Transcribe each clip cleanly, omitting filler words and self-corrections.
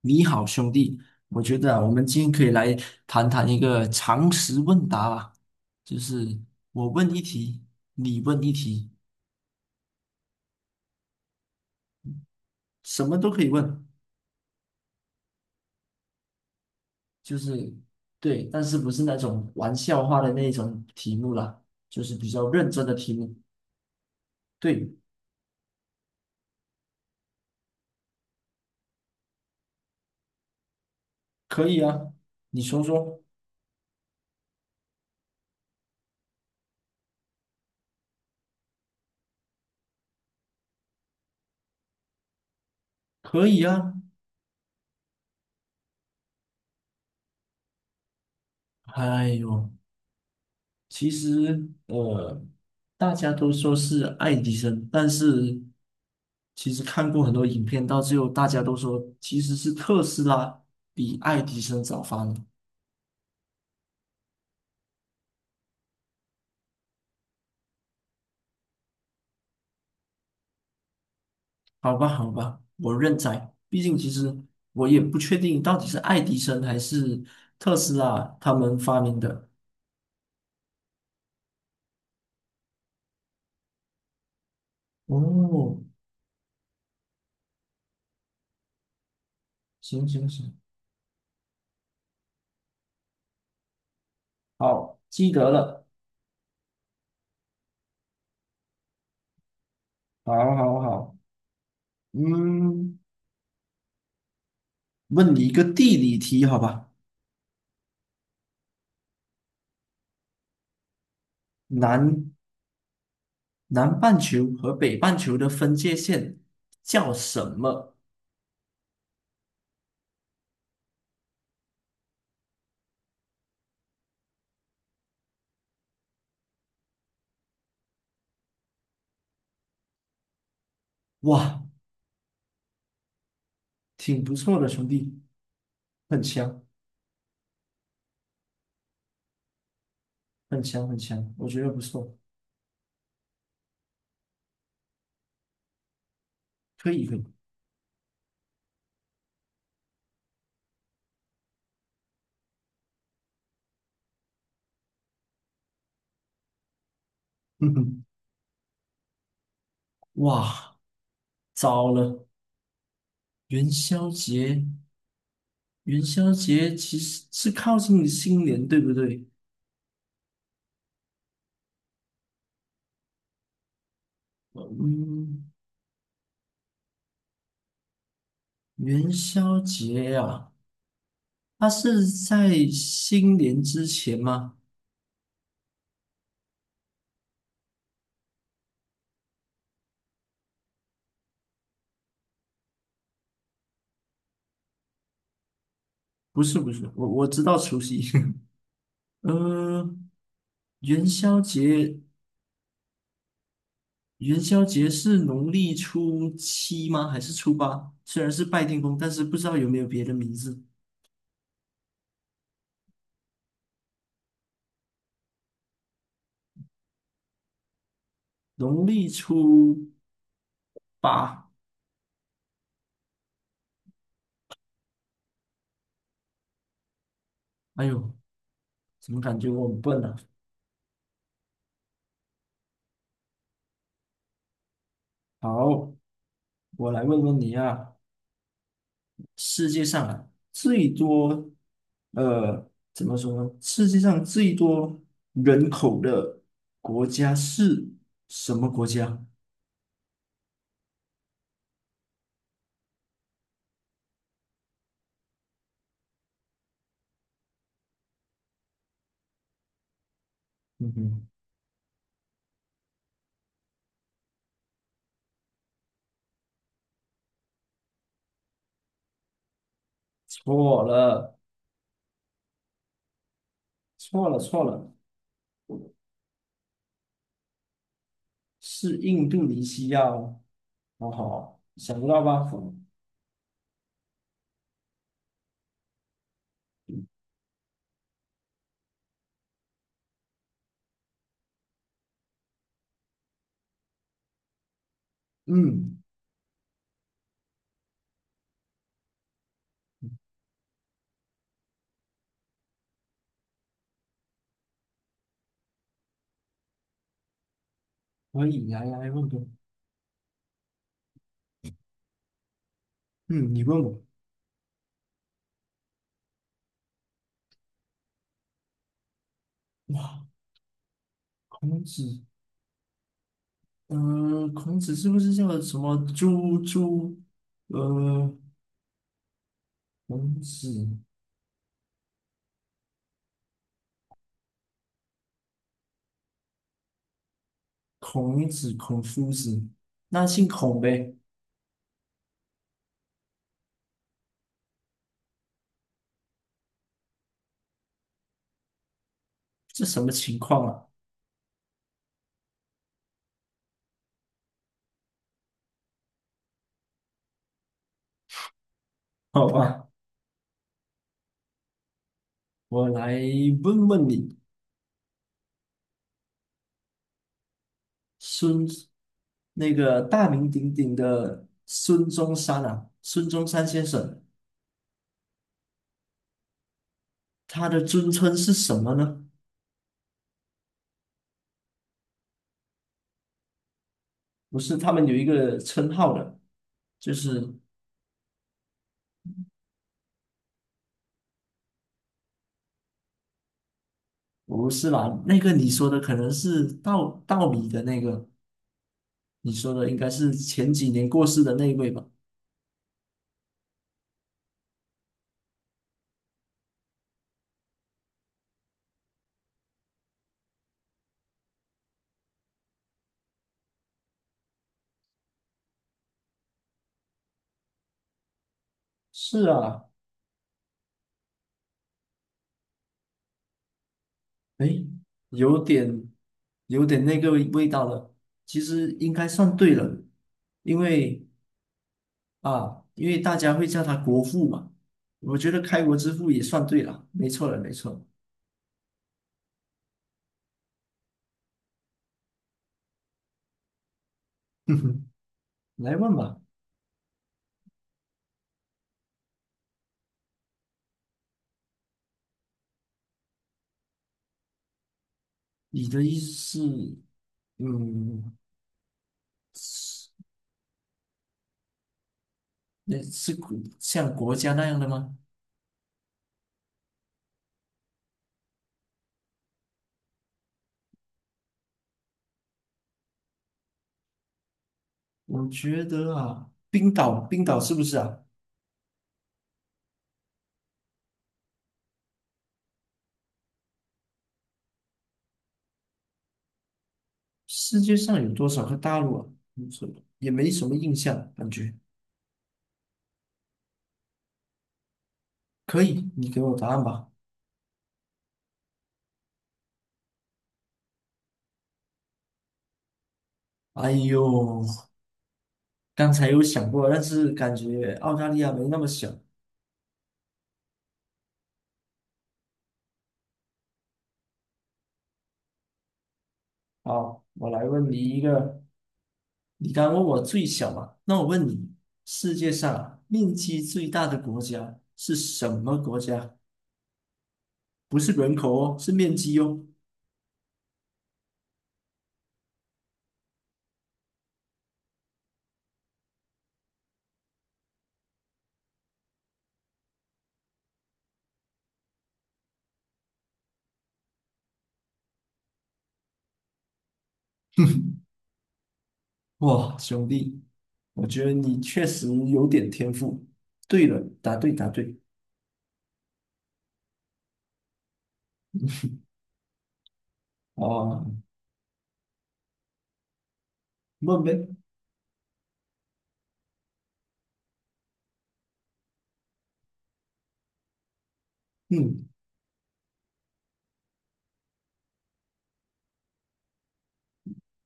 你好，兄弟，我觉得啊，我们今天可以来谈谈一个常识问答吧，就是我问一题，你问一题，什么都可以问，就是对，但是不是那种玩笑话的那种题目啦，就是比较认真的题目。对，可以啊，你说说，可以啊。哎呦，其实大家都说是爱迪生，但是其实看过很多影片，到最后大家都说其实是特斯拉比爱迪生早发明。好吧，好吧，我认栽。毕竟其实我也不确定到底是爱迪生还是特斯拉他们发明的。哦，行行行，好，记得了。好，好，好，嗯，问你一个地理题，好吧？难南半球和北半球的分界线叫什么？哇，挺不错的，兄弟，很强，很强，很强，我觉得不错，可以，可以。嗯哼，哇，糟了，元宵节，元宵节其实是靠近新年，对不对？嗯，元宵节呀，啊它是在新年之前吗？不是，不是，我知道除夕。呃，元宵节元宵节是农历初七吗？还是初八？虽然是拜天公，但是不知道有没有别的名字。农历初八，哎呦，怎么感觉我很笨啊？好，我来问问你啊，世界上啊最多，呃，怎么说呢？世界上最多人口的国家是什么国家？嗯哼，错了，错了，错了，是印度尼西亚哦。好好，想不到吧？嗯，可以，来来问个，嗯，你问我。哇，孔子，嗯、孔子是不是叫什么朱朱？呃，孔子，孔子，孔夫子，那姓孔呗？这什么情况啊？好吧，我来问问你，孙，那个大名鼎鼎的孙中山啊，孙中山先生，他的尊称是什么呢？不是他们有一个称号的，就是我不是啦，那个你说的可能是道道理的那个，你说的应该是前几年过世的那一位吧？是啊，诶，有点有点那个味道了。其实应该算对了，因为啊，因为大家会叫他国父嘛，我觉得开国之父也算对了，没错了，没错了。来问吧，你的意思是，嗯。那是国像国家那样的吗？我觉得啊，冰岛，冰岛是不是啊？世界上有多少个大陆啊？没什么也没什么印象，感觉可以，你给我答案吧。哎呦，刚才有想过，但是感觉澳大利亚没那么小。好，我来问你一个，你刚问我最小嘛，那我问你，世界上啊面积最大的国家是什么国家？不是人口哦，是面积哦。哇，兄弟，我觉得你确实有点天赋。对了，答对，答对。哦，问呗。嗯，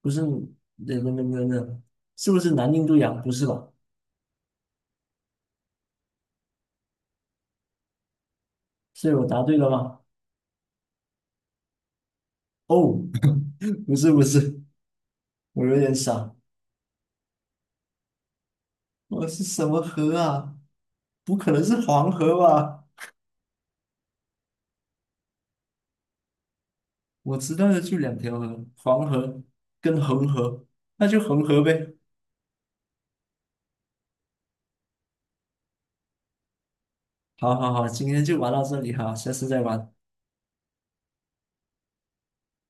不是，那那那那那，是不是南印度洋？不是吧？所以我答对了吗？哦，不是不是，我有点傻。我是什么河啊？不可能是黄河吧？我知道的就两条河，黄河跟恒河，那就恒河呗。好好好，今天就玩到这里哈，下次再玩。